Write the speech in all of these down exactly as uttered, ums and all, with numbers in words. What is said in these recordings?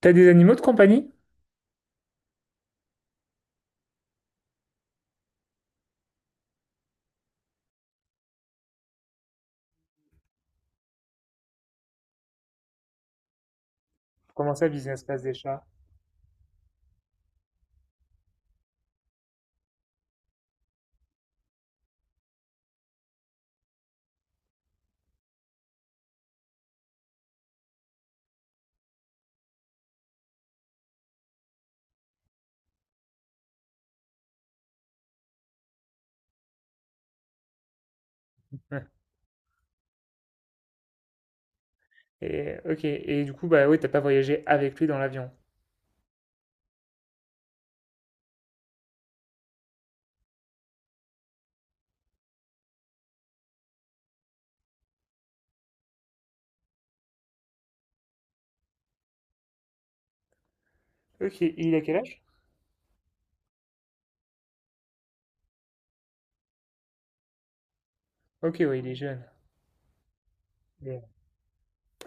T'as des animaux de compagnie? Comment ça, business class des chats? Ouais. Et euh, ok, et du coup, bah oui, t'as pas voyagé avec lui dans l'avion. Ok, il a quel âge? Ok, oui, il est jeune. Bien.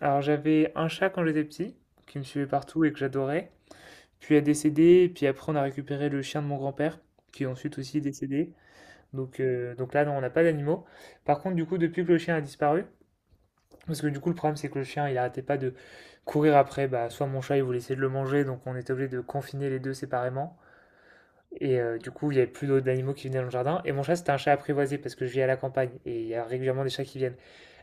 Alors j'avais un chat quand j'étais petit, qui me suivait partout et que j'adorais. Puis il a décédé, et puis après on a récupéré le chien de mon grand-père, qui est ensuite aussi décédé. Donc, euh, donc là, non, on n'a pas d'animaux. Par contre, du coup, depuis que le chien a disparu, parce que du coup, le problème, c'est que le chien, il arrêtait pas de courir après, bah, soit mon chat, il voulait essayer de le manger, donc on était obligé de confiner les deux séparément. Et euh, du coup, il y avait plus d'autres animaux qui venaient dans le jardin. Et mon chat, c'était un chat apprivoisé parce que je vis à la campagne et il y a régulièrement des chats qui viennent.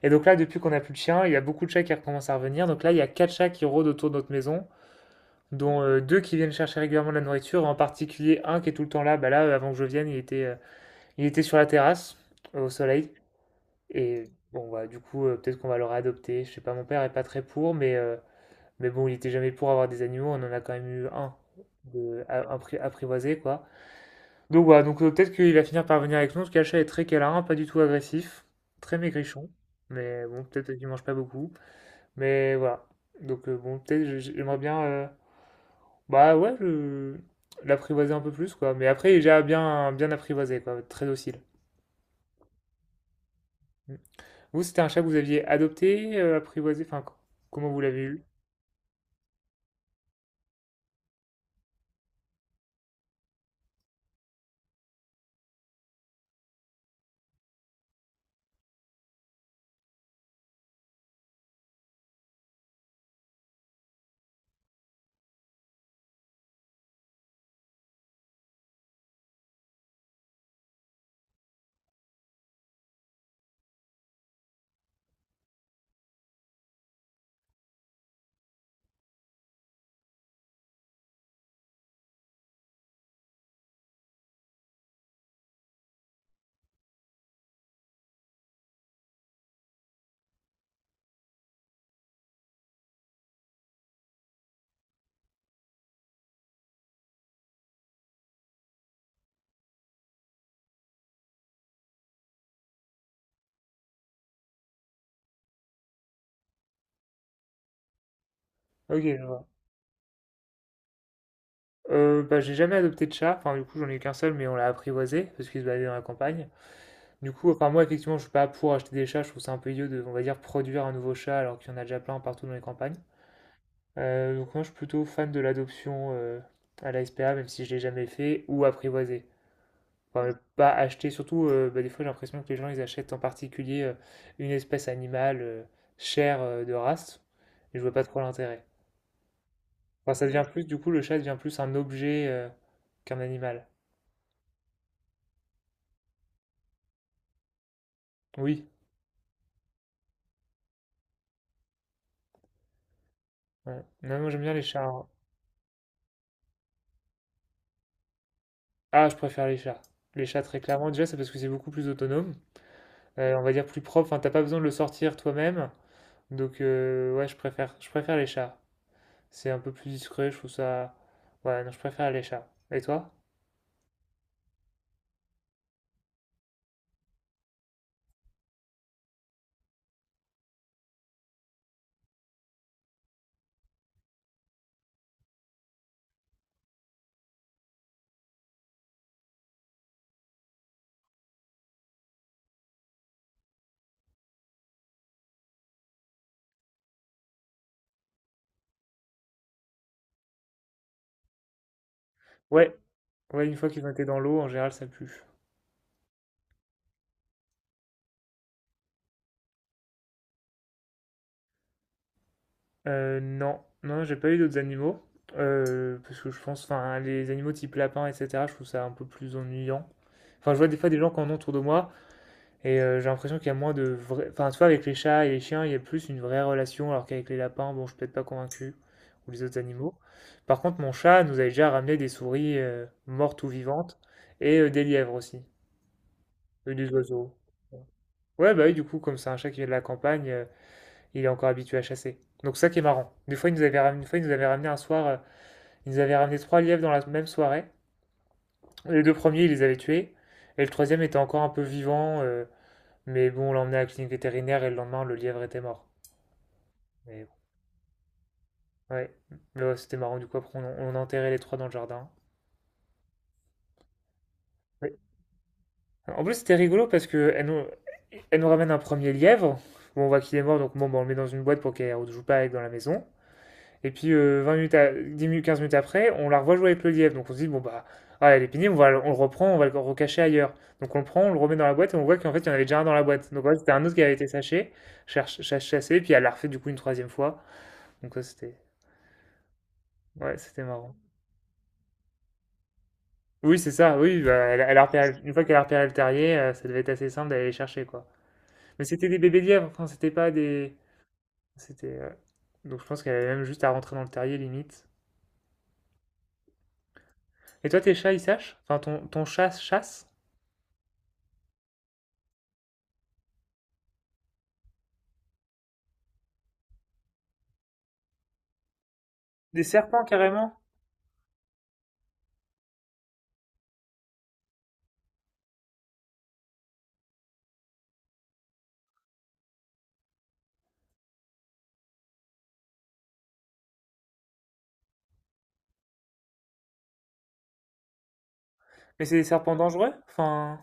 Et donc là, depuis qu'on a plus de chien, il y a beaucoup de chats qui recommencent à revenir. Donc là, il y a quatre chats qui rôdent autour de notre maison, dont euh, deux qui viennent chercher régulièrement de la nourriture, en particulier un qui est tout le temps là. Bah là, euh, avant que je vienne, il était, euh, il était sur la terrasse, euh, au soleil. Et bon, bah, du coup, euh, peut-être qu'on va le réadopter. Je sais pas, mon père est pas très pour, mais, euh, mais bon, il était jamais pour avoir des animaux. On en a quand même eu un de, à- appri- apprivoisé, quoi. Donc voilà, donc euh, peut-être qu'il va finir par venir avec nous, parce que est très câlin, pas du tout agressif, très maigrichon, mais bon, peut-être qu'il mange pas beaucoup, mais voilà. Donc euh, bon, peut-être je- je- j'aimerais bien, euh, bah ouais, je- l'apprivoiser un peu plus, quoi. Mais après, il est déjà bien, bien apprivoisé, quoi, très docile. Mm. Vous, c'était un chat que vous aviez adopté, euh, apprivoisé, enfin, co- comment vous l'avez eu? Ok, je vois. Euh, bah, j'ai jamais adopté de chat, enfin du coup j'en ai qu'un seul mais on l'a apprivoisé parce qu'il se baladait dans la campagne. Du coup, enfin moi effectivement je suis pas pour acheter des chats, je trouve ça un peu idiot de, on va dire, produire un nouveau chat alors qu'il y en a déjà plein partout dans les campagnes. Euh, donc moi je suis plutôt fan de l'adoption euh, à la S P A même si je l'ai jamais fait ou apprivoisé. Enfin mais pas acheter, surtout euh, bah, des fois j'ai l'impression que les gens ils achètent en particulier euh, une espèce animale euh, chère euh, de race et je vois pas trop l'intérêt. Enfin ça devient plus, du coup le chat devient plus un objet euh, qu'un animal. Oui. Ouais. Non, moi j'aime bien les chats, hein. Ah, je préfère les chats. Les chats, très clairement, déjà, c'est parce que c'est beaucoup plus autonome. Euh, on va dire plus propre. Enfin, t'as pas besoin de le sortir toi-même. Donc, euh, ouais, je préfère, je préfère les chats. C'est un peu plus discret, je trouve ça. Ouais, non, je préfère les chats. Et toi? Ouais, ouais, une fois qu'ils ont été dans l'eau, en général, ça pue. Euh, non, non, j'ai pas eu d'autres animaux. Euh, parce que je pense, enfin, les animaux type lapin, et cetera, je trouve ça un peu plus ennuyant. Enfin, je vois des fois des gens qui en ont autour de moi. Et euh, j'ai l'impression qu'il y a moins de vrai. Enfin, tu vois, avec les chats et les chiens, il y a plus une vraie relation, alors qu'avec les lapins, bon, je suis peut-être pas convaincu, ou les autres animaux. Par contre, mon chat nous avait déjà ramené des souris euh, mortes ou vivantes, et euh, des lièvres aussi, et des oiseaux. Ouais, bah oui, du coup, comme c'est un chat qui vient de la campagne, euh, il est encore habitué à chasser. Donc ça qui est marrant. Des fois, il nous avait ramené, une fois, il nous avait ramené un soir, euh, il nous avait ramené trois lièvres dans la même soirée. Les deux premiers, il les avait tués, et le troisième était encore un peu vivant. euh, Mais bon, on l'a emmené à la clinique vétérinaire et le lendemain, le lièvre était mort. Mais bon, ouais. Mais ouais, c'était marrant. Du coup, après, on, on a enterré les trois dans le jardin. Oui. En plus, c'était rigolo parce que elle nous, elle nous ramène un premier lièvre. Bon, on voit qu'il est mort, donc bon, bah, on le met dans une boîte pour qu'elle ne joue pas avec dans la maison. Et puis, euh, vingt minutes à- dix minutes, quinze minutes après, on la revoit jouer avec le lièvre. Donc, on se dit, bon, bah, ah, elle est pénible, on, va, on le reprend, on va le recacher ailleurs. Donc, on le prend, on le remet dans la boîte et on voit qu'en fait, il y en avait déjà un dans la boîte. Donc, ouais, c'était un autre qui avait été saché, cherche- chassé, puis elle l'a refait du coup une troisième fois. Donc, ça, c'était. Ouais, c'était marrant. Oui, c'est ça, oui, bah, elle, elle a repéré, une fois qu'elle a repéré le terrier, euh, ça devait être assez simple d'aller les chercher, quoi. Mais c'était des bébés lièvres, enfin, c'était pas des. C'était. euh, Donc je pense qu'elle avait même juste à rentrer dans le terrier, limite. Et toi, tes chats, ils sèchent? Enfin, ton, ton chat chasse? Des serpents, carrément? Mais c'est des serpents dangereux? Enfin.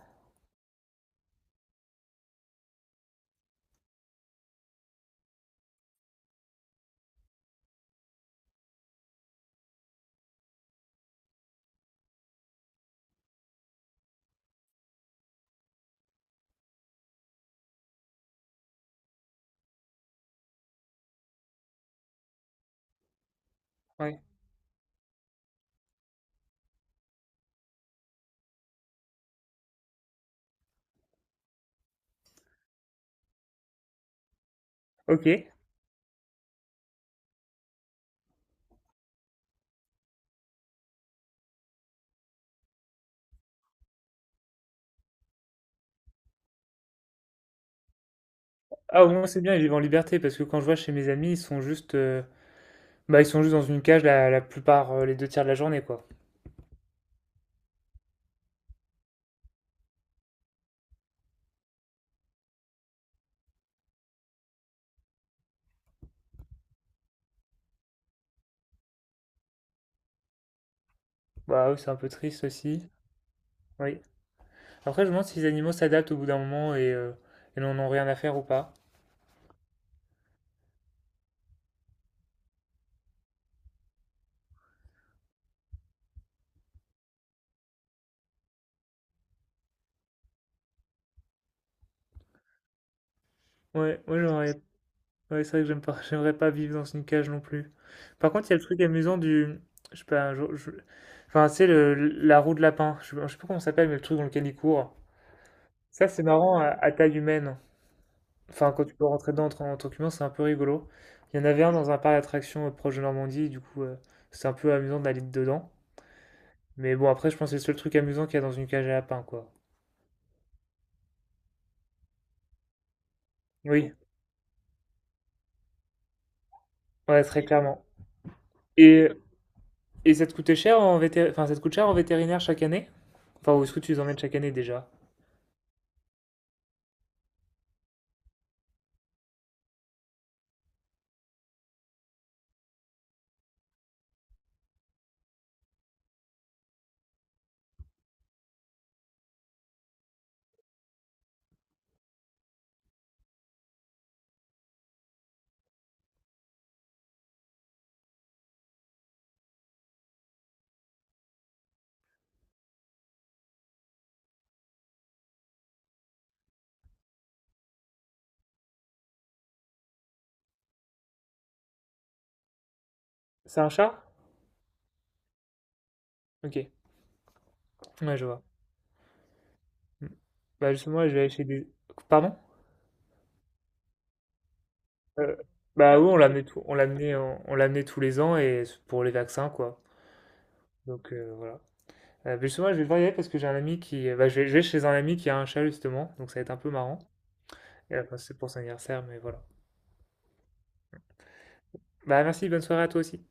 Ouais. Ok. Ah, au moins, c'est bien, ils vivent en liberté, parce que quand je vois chez mes amis, ils sont juste. euh, Bah, ils sont juste dans une cage la, la plupart, euh, les deux tiers de la journée, quoi. Bah, oui, c'est un peu triste aussi. Oui. Après, je me demande si les animaux s'adaptent au bout d'un moment et, euh, et n'en ont rien à faire ou pas. Ouais, ouais j'aurais. Ouais, c'est vrai que j'aime pas, j'aimerais pas vivre dans une cage non plus. Par contre, il y a le truc amusant du. Je sais pas, un jour. je- Enfin, c'est le, la roue de lapin. Je sais pas je sais pas comment ça s'appelle, mais le truc dans lequel il court. Ça, c'est marrant à, à taille humaine. Enfin, quand tu peux rentrer dedans en, tant en tant qu'humain, c'est un peu rigolo. Il y en avait un dans un parc d'attractions euh, proche de Normandie, du coup, euh, c'est un peu amusant d'aller dedans. Mais bon, après, je pense que c'est le seul truc amusant qu'il y a dans une cage à lapin, quoi. Oui, ouais, très clairement. Et Et ça te coûtait cher en vété- enfin, ça te coûte cher en vétérinaire chaque année? Enfin, où est-ce que tu les emmènes chaque année déjà? C'est un chat? Ok, ouais, je vois. Mm. Bah justement, je vais aller chez des. Pardon? Euh, Bah oui, on l'amenait tout... on l'amenait en- on l'amenait tous les ans et c'est pour les vaccins quoi. Donc euh, voilà. Euh, bah, justement, je vais devoir y aller parce que j'ai un ami qui, bah, je vais, je vais chez un ami qui a un chat justement, donc ça va être un peu marrant. Et, enfin, c'est pour son anniversaire, mais voilà. Bah merci, bonne soirée à toi aussi.